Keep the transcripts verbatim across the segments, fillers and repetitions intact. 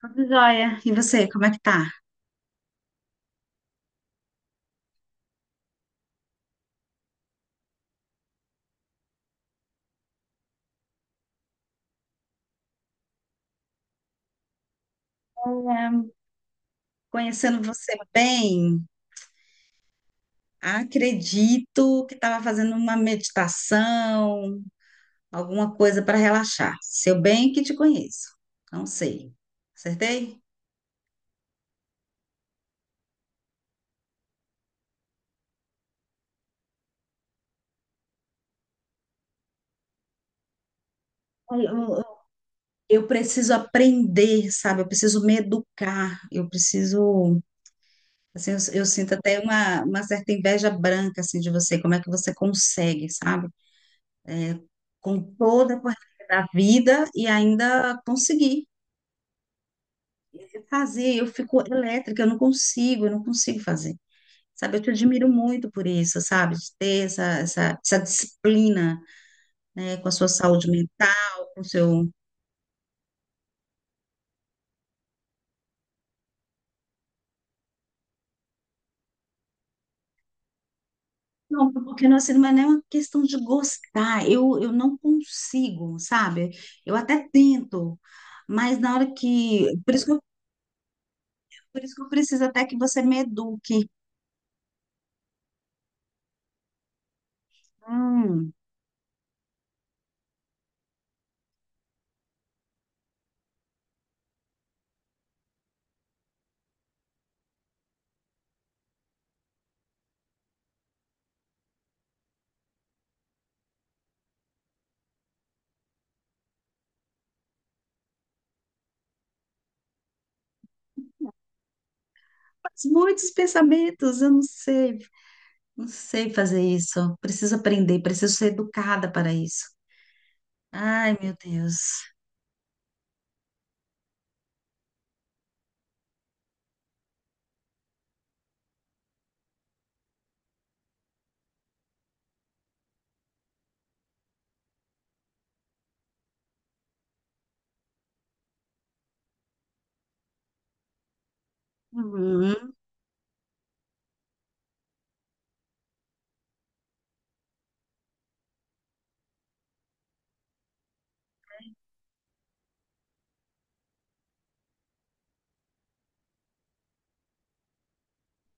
Tudo jóia. E você, como é que tá? Conhecendo você bem, acredito que estava fazendo uma meditação, alguma coisa para relaxar. Seu bem que te conheço. Não sei. Acertei? Olha, Eu, eu- eu preciso aprender, sabe? Eu preciso me educar. Eu preciso, assim, eu, eu sinto até uma, uma certa inveja branca, assim, de você. Como é que você consegue, sabe? Com toda a correria da vida e ainda conseguir fazer, eu fico elétrica, eu não consigo, eu não consigo fazer. Sabe, eu te admiro muito por isso, sabe? De ter essa, essa, essa disciplina, né, com a sua saúde mental, com o seu. Não, porque não, assim, não é nem uma questão de gostar. Eu, eu não consigo, sabe? Eu até tento, mas na hora que. Por isso que eu, por isso que eu preciso até que você me eduque. Hum, mas muitos pensamentos, eu não sei, não sei fazer isso. Preciso aprender, preciso ser educada para isso. Ai, meu Deus. Uhum.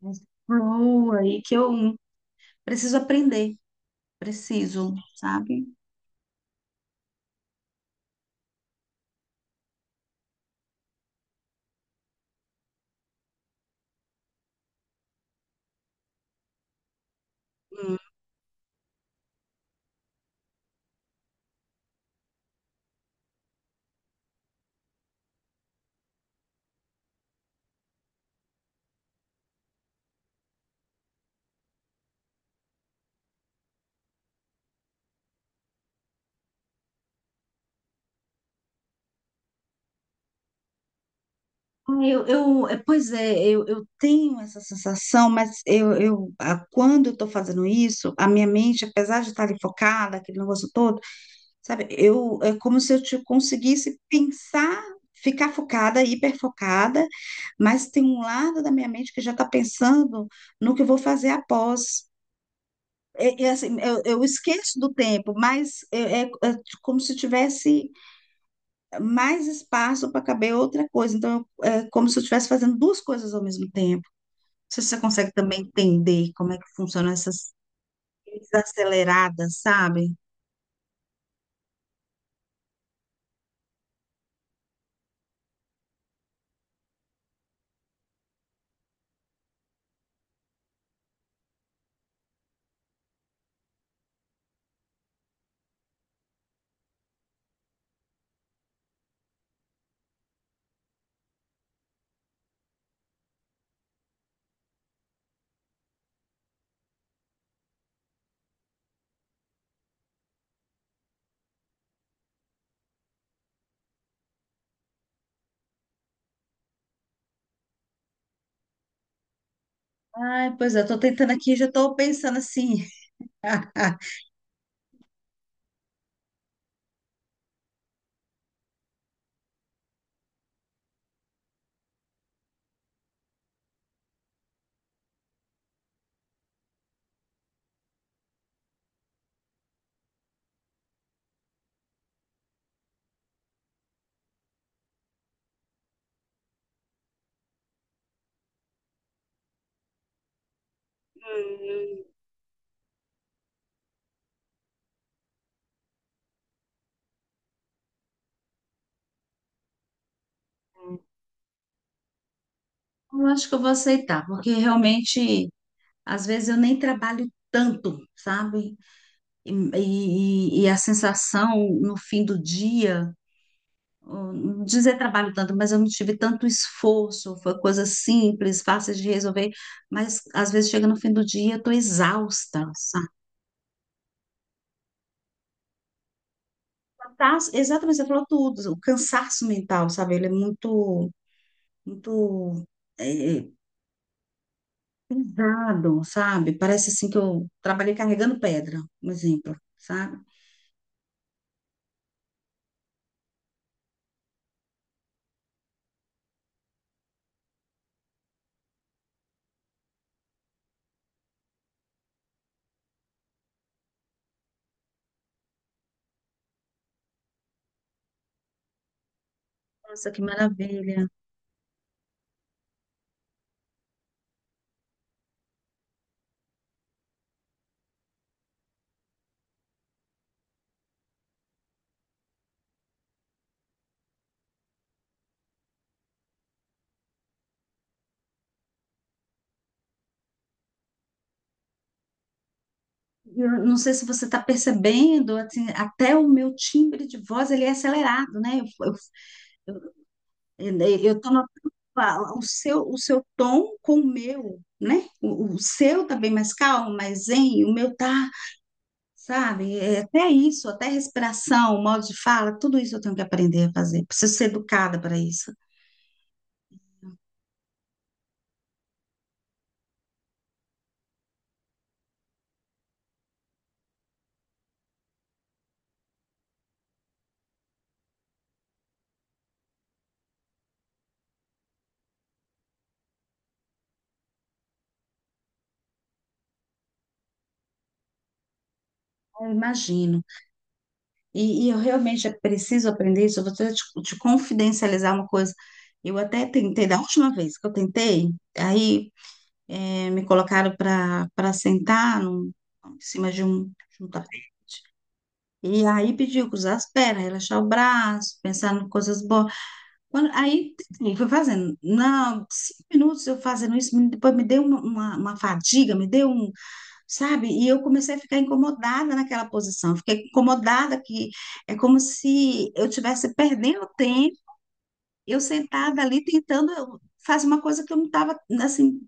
Mas flow aí que eu preciso aprender, preciso, sabe? Hum, Eu, eu, é, pois é, eu, eu tenho essa sensação, mas eu, eu, a- quando eu estou fazendo isso, a minha mente, apesar de estar ali focada, aquele negócio todo, sabe, eu, é como se eu te conseguisse pensar, ficar focada, hiperfocada, mas tem um lado da minha mente que já está pensando no que eu vou fazer após. é- é assim, eu, eu esqueço do tempo, mas é, é- é como se tivesse mais espaço para caber outra coisa. Então, eu- é como se eu estivesse fazendo duas coisas ao mesmo tempo. Não sei se você consegue também entender como é que funcionam essas desaceleradas, sabe? Ai, pois é, estou tentando aqui, já estou pensando assim. Eu acho que eu vou aceitar, porque realmente, às vezes, eu nem trabalho tanto, sabe? E, e, e a sensação no fim do dia. Hum, dizer trabalho tanto, mas eu não tive tanto esforço, foi coisa simples, fácil de resolver, mas às vezes chega no fim do dia, eu estou exausta, sabe? Cansaço- exatamente, você falou tudo, o cansaço mental, sabe? Ele é muito, muito é, é, pesado, sabe? Parece assim que eu trabalhei carregando pedra, um exemplo, sabe? Nossa, que maravilha. Eu não sei se você está percebendo, assim, até o meu timbre de voz ele é acelerado, né? Eu, eu- E daí eu estou notando a- o seu, o seu tom com o meu, né? O, o seu tá bem mais calmo, mais zen, o meu tá, sabe? É, até isso, até respiração, o modo de fala, tudo isso eu tenho que aprender a fazer. Preciso ser educada para isso. Eu imagino. E, e eu realmente preciso aprender isso. Eu vou te, te confidencializar uma coisa. Eu até tentei, da última vez que eu tentei, aí eh, me colocaram para para sentar num- em cima de um, de um tapete. E aí pediu que usasse as pernas, relaxar o braço, pensar em coisas boas. Quando, aí eu fui fazendo. Não, cinco minutos eu fazendo isso, me- depois me deu uma, uma, uma fadiga, me deu um, sabe? E eu comecei a ficar incomodada naquela posição, fiquei incomodada que é como se eu estivesse perdendo tempo, eu sentada ali tentando fazer uma coisa que eu não estava, assim,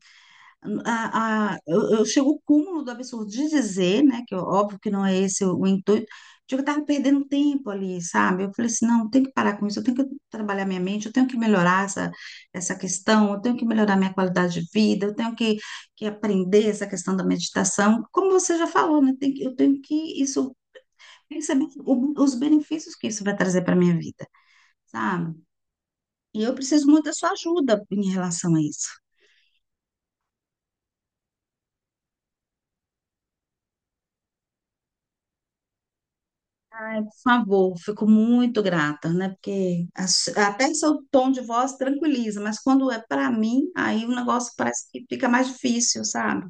a, a- eu, eu chego ao cúmulo do absurdo de dizer, né, que óbvio que não é esse o, o intuito, de que eu estava perdendo tempo ali, sabe? Eu falei assim, não, eu tenho que parar com isso, eu tenho que trabalhar minha mente, eu tenho que melhorar essa, essa questão, eu tenho que melhorar minha qualidade de vida, eu tenho que, que aprender essa questão da meditação. Como você já falou, né, tem que- eu tenho que isso, perceber o- os benefícios que isso vai trazer para minha vida, sabe? E eu preciso muito da sua ajuda em relação a isso. Por favor, fico muito grata, né? Porque as- até seu tom de voz tranquiliza, mas quando é para mim, aí o negócio parece que fica mais difícil, sabe?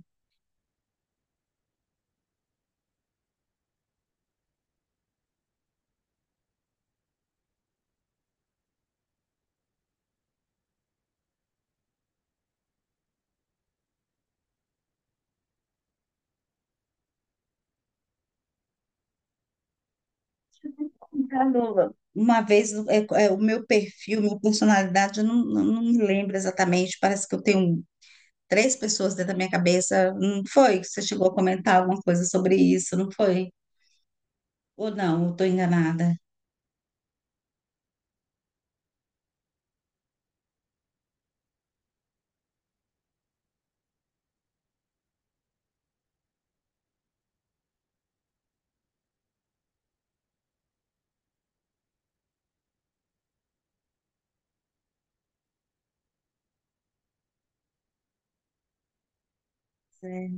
Caramba. Uma vez, é, é, o meu perfil, minha personalidade, eu não, não, não me lembro exatamente, parece que eu tenho três pessoas dentro da minha cabeça. Não foi? Que Você chegou a comentar alguma coisa sobre isso, não foi? Ou não, eu estou enganada? É.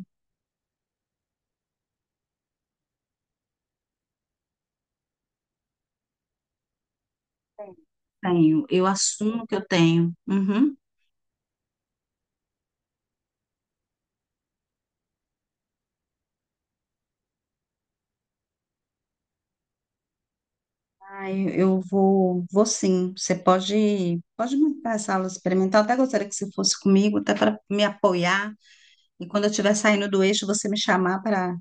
Tenho, eu assumo que eu tenho. Uhum. Ai, eu vou, vou sim. Você pode, pode montar essa aula experimental. Até gostaria que você fosse comigo, até para me apoiar. E quando eu estiver saindo do eixo, você me chamar para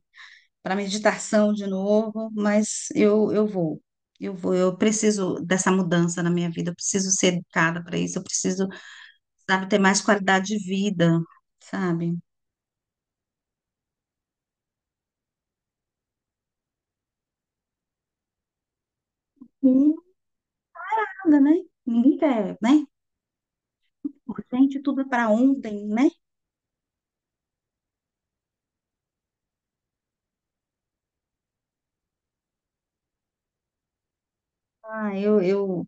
para meditação de novo. Mas eu, eu vou, eu vou. Eu preciso dessa mudança na minha vida. Eu preciso ser educada para isso. Eu preciso, sabe, ter mais qualidade de vida, sabe? Ninguém nada, né? Ninguém quer, né? Urgente, tudo é para ontem, né? Ah, eu, eu,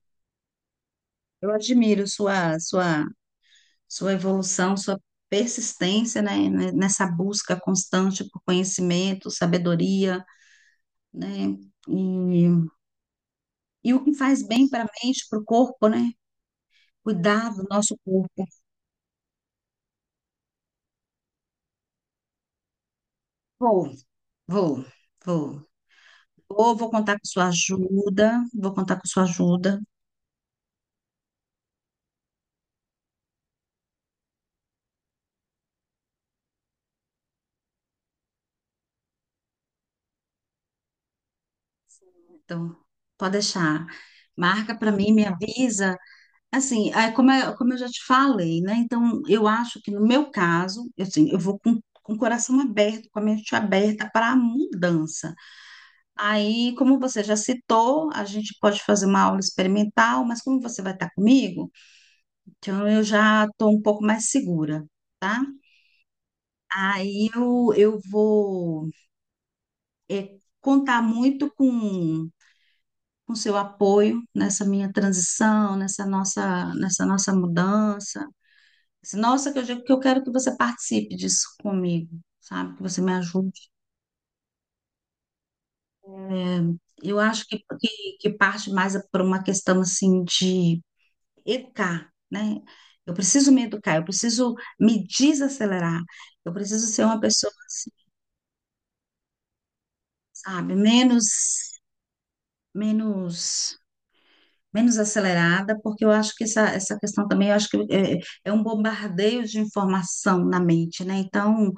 eu admiro sua, sua sua evolução, sua persistência, né, né, nessa busca constante por conhecimento, sabedoria, né, e, e o que faz bem para a mente, para o corpo, né, cuidar do nosso corpo. Vou, vou, vou. Ou vou contar com sua ajuda, vou contar com sua ajuda. Então, pode deixar. Marca para mim, me avisa. Assim, é, como, é- como eu já te falei, né? Então, eu acho que no meu caso, eu, assim, eu vou com, com o coração aberto, com a mente aberta para a mudança. Aí, como você já citou, a gente pode fazer uma aula experimental, mas como você vai estar comigo, então eu já estou um pouco mais segura, tá? Aí eu, eu vou é, contar muito com com seu apoio nessa minha transição, nessa nossa, nessa nossa mudança. Assim, nossa, que eu, digo que eu quero que você participe disso comigo, sabe? Que você me ajude. É, eu acho que, que, que parte mais é por uma questão, assim, de educar, né? Eu preciso me educar, eu preciso me desacelerar, eu preciso ser uma pessoa, assim, sabe? Menos, menos, menos acelerada, porque eu acho que essa, essa questão também, eu acho que é, é um bombardeio de informação na mente, né? Então,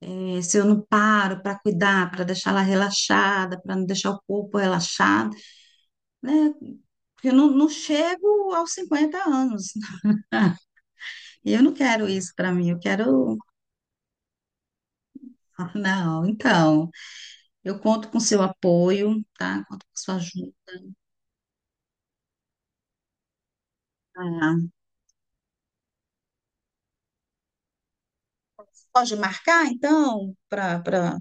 é, se eu não paro para cuidar, para deixar ela relaxada, para não deixar o corpo relaxado, né? Porque eu não, não chego aos cinquenta anos. E eu não quero isso para mim, eu quero. Não, então, eu conto com seu apoio, tá? Conto com sua ajuda. Pode marcar, então, para. para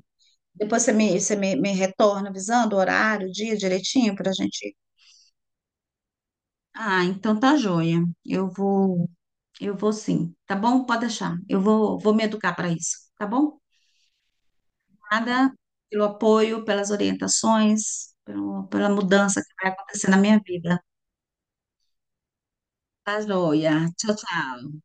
Depois você me, você me, me retorna avisando o horário, o dia direitinho, para a gente. Ah, então tá joia. Eu vou. Eu vou sim, tá bom? Pode deixar. Eu vou, vou me educar para isso, tá bom? Nada pelo apoio, pelas orientações, pelo- pela mudança que vai acontecer na minha vida. Tá joia. Tchau, tchau.